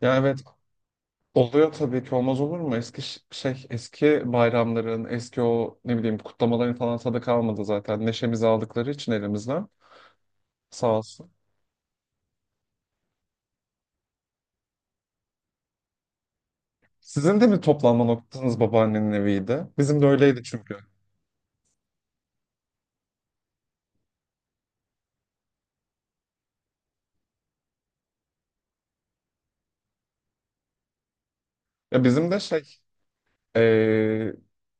Ya, evet, oluyor tabii ki, olmaz olur mu? Eski eski bayramların, eski o ne bileyim kutlamaların falan tadı kalmadı zaten. Neşemizi aldıkları için elimizden. Sağ olsun. Sizin de mi toplanma noktanız babaannenin eviydi? Bizim de öyleydi çünkü. Ya bizim de Ee,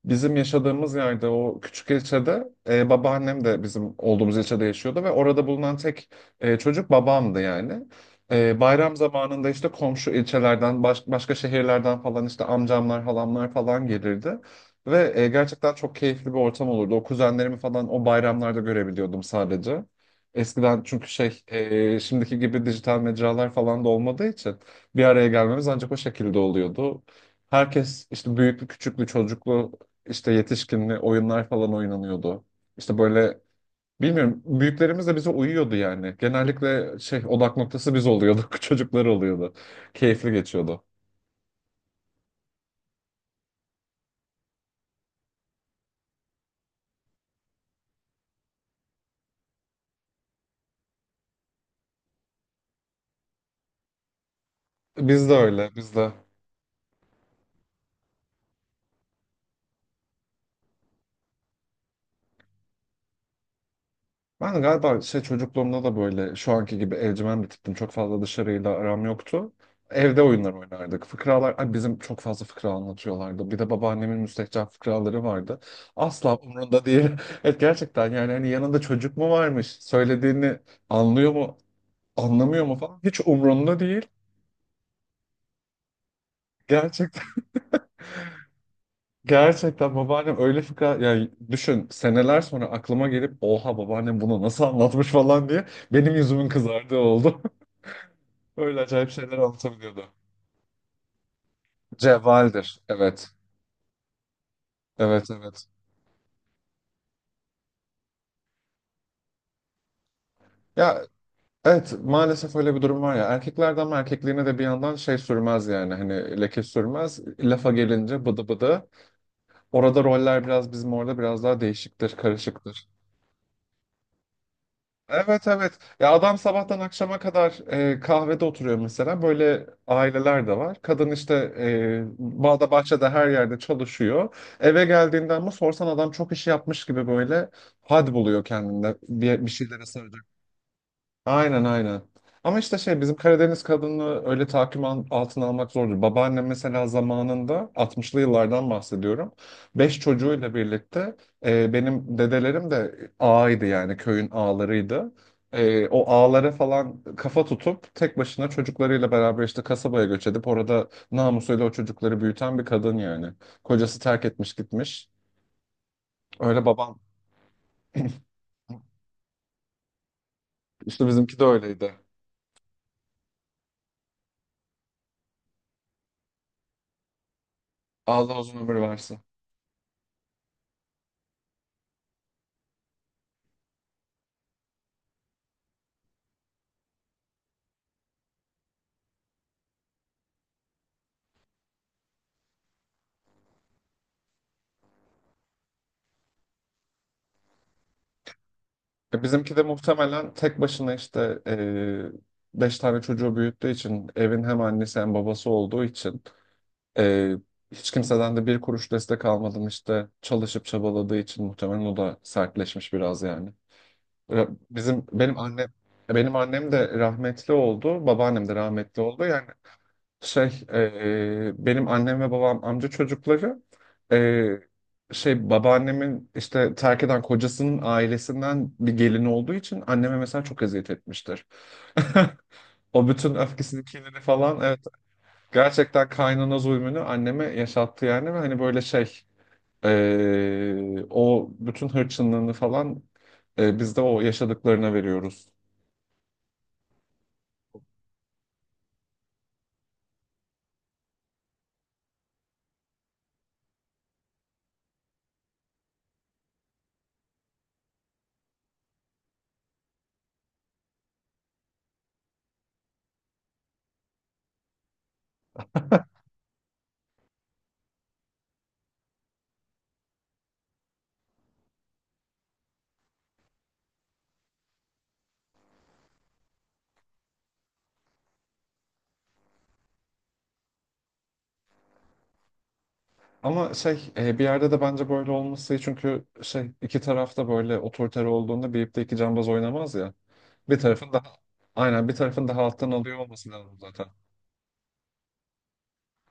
bizim yaşadığımız yerde o küçük ilçede babaannem de bizim olduğumuz ilçede yaşıyordu ve orada bulunan tek çocuk babamdı yani. E, bayram zamanında işte komşu ilçelerden başka şehirlerden falan işte amcamlar halamlar falan gelirdi. Ve gerçekten çok keyifli bir ortam olurdu. O kuzenlerimi falan o bayramlarda görebiliyordum sadece. Eskiden çünkü şimdiki gibi dijital mecralar falan da olmadığı için bir araya gelmemiz ancak o şekilde oluyordu. Herkes işte büyüklü, küçüklü, çocuklu, işte yetişkinli oyunlar falan oynanıyordu. İşte böyle bilmiyorum, büyüklerimiz de bize uyuyordu yani. Genellikle şey, odak noktası biz oluyorduk, çocuklar oluyordu. Keyifli geçiyordu. Biz de öyle, biz de. Ben galiba şey, çocukluğumda da böyle şu anki gibi evcimen bir tiptim. Çok fazla dışarıyla aram yoktu. Evde oyunlar oynardık. Fıkralar, ay, bizim çok fazla fıkra anlatıyorlardı. Bir de babaannemin müstehcen fıkraları vardı. Asla umurunda değil. Evet, gerçekten yani, hani yanında çocuk mu varmış? Söylediğini anlıyor mu? Anlamıyor mu falan? Hiç umurunda değil. Gerçekten gerçekten babaannem öyle fıkra, yani düşün, seneler sonra aklıma gelip oha babaannem bunu nasıl anlatmış falan diye benim yüzümün kızardığı oldu. Öyle acayip şeyler anlatabiliyordu. Cevvaldir. Evet. Evet, evet. Ya evet, maalesef öyle bir durum var ya. Erkeklerde ama erkekliğine de bir yandan şey sürmez yani. Hani leke sürmez. Lafa gelince bıdı bıdı. Orada roller biraz, bizim orada biraz daha değişiktir, karışıktır. Evet, evet. Ya adam sabahtan akşama kadar kahvede oturuyor mesela. Böyle aileler de var. Kadın işte bağda bahçede her yerde çalışıyor. Eve geldiğinde ama sorsan adam çok iş yapmış gibi böyle had buluyor kendinde bir şeylere saracak. Aynen, aynen. Ama işte şey, bizim Karadeniz kadını öyle tahakküm altına almak zordur. Babaannem mesela zamanında, altmışlı yıllardan bahsediyorum. Beş çocuğuyla birlikte benim dedelerim de ağaydı yani, köyün ağalarıydı. E, o ağalara falan kafa tutup tek başına çocuklarıyla beraber işte kasabaya göç edip orada namusuyla o çocukları büyüten bir kadın yani. Kocası terk etmiş gitmiş. Öyle babam. İşte bizimki de öyleydi. Allah uzun ömür versin. E, Bizimki de muhtemelen tek başına işte beş tane çocuğu büyüttüğü için, evin hem annesi hem babası olduğu için, e, hiç kimseden de bir kuruş destek almadım işte, çalışıp çabaladığı için muhtemelen o da sertleşmiş biraz yani. Ra- Bizim benim annem benim annem de rahmetli oldu, babaannem de rahmetli oldu. Yani şey, benim annem ve babam amca çocukları, e, babaannemin işte terk eden kocasının ailesinden bir gelini olduğu için anneme mesela çok eziyet etmiştir. O bütün öfkesini, kinini falan, evet, gerçekten kaynana zulmünü anneme yaşattı yani. Ve hani böyle şey, o bütün hırçınlığını falan biz de o yaşadıklarına veriyoruz. Ama şey, bir yerde de bence böyle olması iyi, çünkü şey, iki tarafta böyle otoriter olduğunda bir ipte iki cambaz oynamaz ya. Bir tarafın daha, aynen, bir tarafın daha alttan alıyor olması lazım zaten.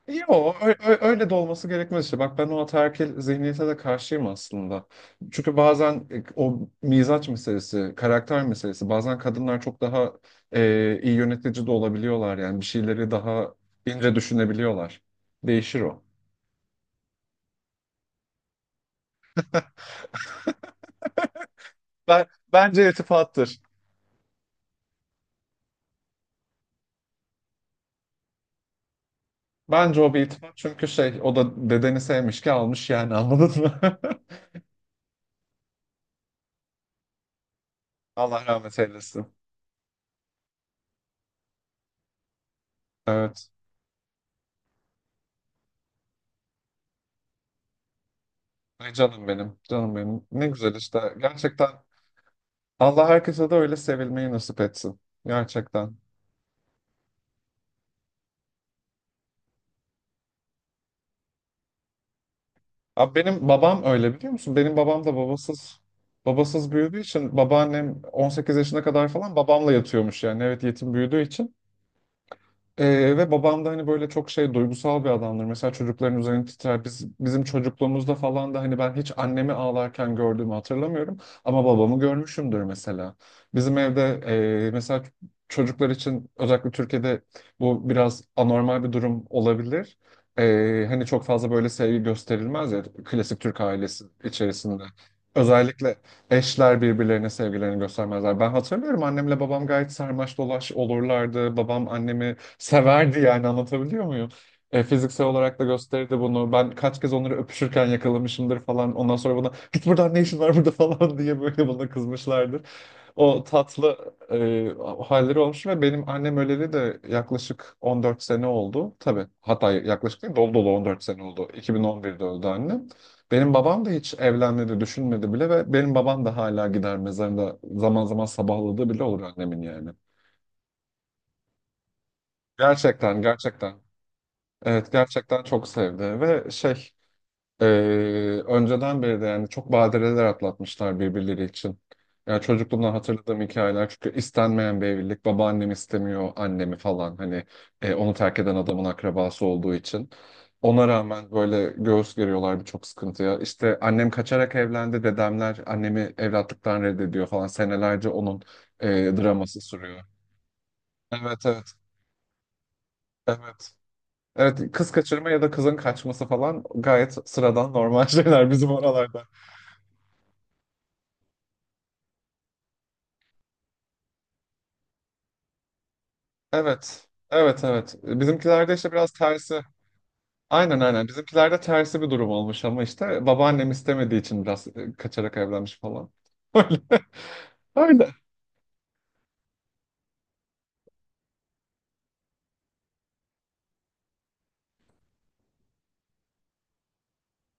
Öyle de olması gerekmez işte. Bak, ben o ataerkil zihniyete de karşıyım aslında. Çünkü bazen o mizaç meselesi, karakter meselesi, bazen kadınlar çok daha iyi yönetici de olabiliyorlar yani, bir şeyleri daha ince düşünebiliyorlar. Değişir o. Ben, bence irtifattır. Bence o bir ihtimal çünkü şey, o da dedeni sevmiş ki almış yani, anladın mı? Allah rahmet eylesin. Evet. Ay canım benim. Canım benim. Ne güzel işte. Gerçekten Allah herkese de öyle sevilmeyi nasip etsin. Gerçekten. Abi benim babam öyle, biliyor musun? Benim babam da babasız büyüdüğü için babaannem 18 yaşına kadar falan babamla yatıyormuş yani. Evet, yetim büyüdüğü için. Ve babam da hani böyle çok şey, duygusal bir adamdır. Mesela çocukların üzerine titrer. Bizim çocukluğumuzda falan da hani ben hiç annemi ağlarken gördüğümü hatırlamıyorum. Ama babamı görmüşümdür mesela. Bizim evde mesela çocuklar için, özellikle Türkiye'de bu biraz anormal bir durum olabilir. Hani çok fazla böyle sevgi gösterilmez ya klasik Türk ailesi içerisinde. Özellikle eşler birbirlerine sevgilerini göstermezler. Ben hatırlıyorum, annemle babam gayet sarmaş dolaş olurlardı. Babam annemi severdi yani, anlatabiliyor muyum? E, fiziksel olarak da gösterdi bunu. Ben kaç kez onları öpüşürken yakalamışımdır falan. Ondan sonra bana git buradan, ne işin var burada falan diye böyle bana kızmışlardır. O tatlı halleri olmuş. Ve benim annem öleli de yaklaşık 14 sene oldu. Tabii hatta yaklaşık değil, dolu dolu 14 sene oldu. 2011'de öldü annem. Benim babam da hiç evlenmedi, düşünmedi bile. Ve benim babam da hala gider mezarında, zaman zaman sabahladığı bile olur annemin yani. Gerçekten, gerçekten. Evet, gerçekten çok sevdi. Ve şey, e, önceden beri de yani çok badireler atlatmışlar birbirleri için. Yani çocukluğumdan hatırladığım hikayeler, çünkü istenmeyen bir evlilik, babaannem istemiyor annemi falan, hani onu terk eden adamın akrabası olduğu için. Ona rağmen böyle göğüs geriyorlar birçok sıkıntıya. İşte annem kaçarak evlendi, dedemler annemi evlatlıktan reddediyor falan, senelerce onun e, draması sürüyor. Evet, evet, evet, evet. Kız kaçırma ya da kızın kaçması falan gayet sıradan normal şeyler bizim oralarda. Evet. Evet, evet. Bizimkilerde işte biraz tersi. Aynen, aynen. Bizimkilerde tersi bir durum olmuş ama işte babaannem istemediği için biraz kaçarak evlenmiş falan. Öyle. Öyle.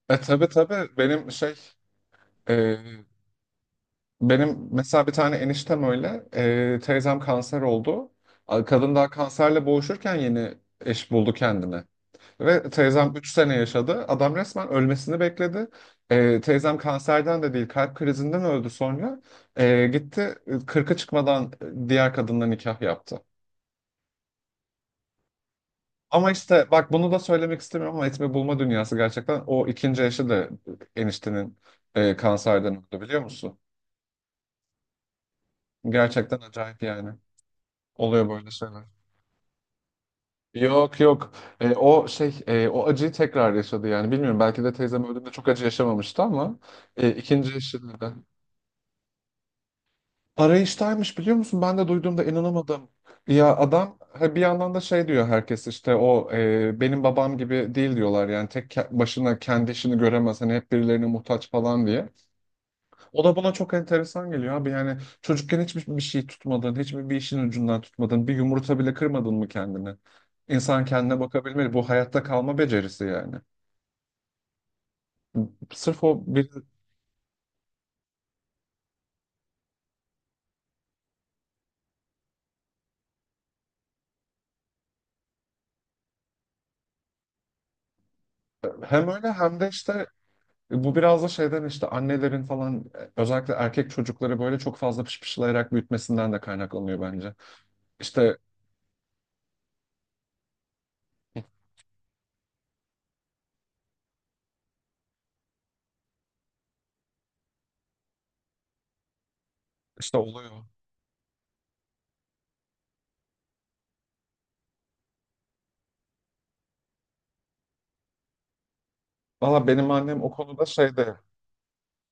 E, tabii tabii, benim şey, e, benim mesela bir tane eniştem öyle, teyzem kanser oldu. Kadın daha kanserle boğuşurken yeni eş buldu kendine. Ve teyzem 3 sene yaşadı. Adam resmen ölmesini bekledi. Teyzem kanserden de değil, kalp krizinden öldü sonra. Gitti, 40'a çıkmadan diğer kadınla nikah yaptı. Ama işte bak, bunu da söylemek istemiyorum ama etme bulma dünyası gerçekten. O ikinci eşi de, eniştenin, kanserden öldü biliyor musun? Gerçekten acayip yani. Oluyor böyle şeyler. Yok, yok. O şey, o acıyı tekrar yaşadı yani. Bilmiyorum, belki de teyzem öldüğünde çok acı yaşamamıştı ama ikinci eşi de. Arayıştaymış, biliyor musun? Ben de duyduğumda inanamadım. Ya adam ha, bir yandan da şey diyor herkes, işte o benim babam gibi değil diyorlar yani, tek başına kendi işini göremez, hani hep birilerine muhtaç falan diye. O da bana çok enteresan geliyor abi. Yani çocukken hiçbir şey tutmadın, hiçbir işin ucundan tutmadın, bir yumurta bile kırmadın mı kendini? İnsan kendine bakabilmeli, bu hayatta kalma becerisi yani. Sırf o bir, hem öyle hem de işte, bu biraz da şeyden işte, annelerin falan özellikle erkek çocukları böyle çok fazla pışpışlayarak büyütmesinden de kaynaklanıyor bence. İşte işte oluyor. Valla benim annem o konuda şeyde,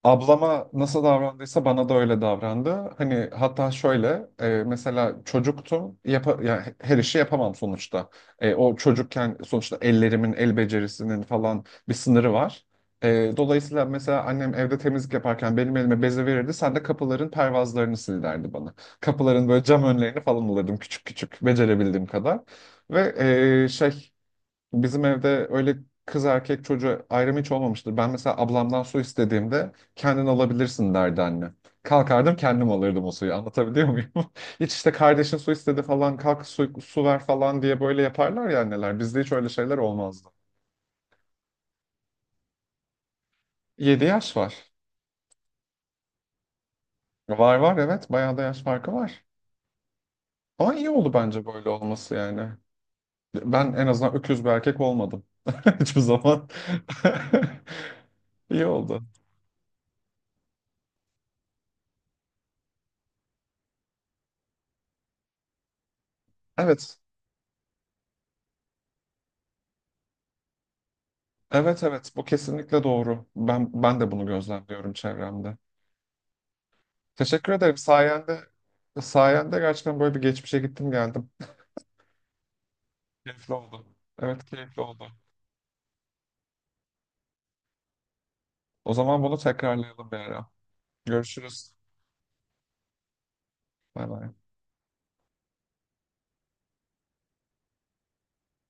ablama nasıl davrandıysa bana da öyle davrandı. Hani hatta şöyle, mesela çocuktum, yapa, yani her işi yapamam sonuçta. E, o çocukken sonuçta ellerimin, el becerisinin falan bir sınırı var. E, dolayısıyla mesela annem evde temizlik yaparken benim elime beze verirdi. Sen de kapıların pervazlarını sil derdi bana. Kapıların böyle cam önlerini falan alırdım, küçük küçük becerebildiğim kadar. Ve e, şey bizim evde öyle kız erkek çocuğu ayrımı hiç olmamıştır. Ben mesela ablamdan su istediğimde kendin alabilirsin derdi anne. Kalkardım, kendim alırdım o suyu. Anlatabiliyor muyum? Hiç işte, kardeşin su istedi falan, kalk su ver falan diye böyle yaparlar ya anneler. Bizde hiç öyle şeyler olmazdı. 7 yaş var. Var var, evet, bayağı da yaş farkı var. Ama iyi oldu bence böyle olması yani. Ben en azından öküz bir erkek olmadım. Hiçbir zaman. İyi oldu. Evet. Evet, evet, bu kesinlikle doğru. Ben de bunu gözlemliyorum çevremde. Teşekkür ederim. Sayende gerçekten böyle bir geçmişe gittim geldim. Keyifli oldu. Evet, keyifli oldu. O zaman bunu tekrarlayalım bir ara. Görüşürüz. Bay bay.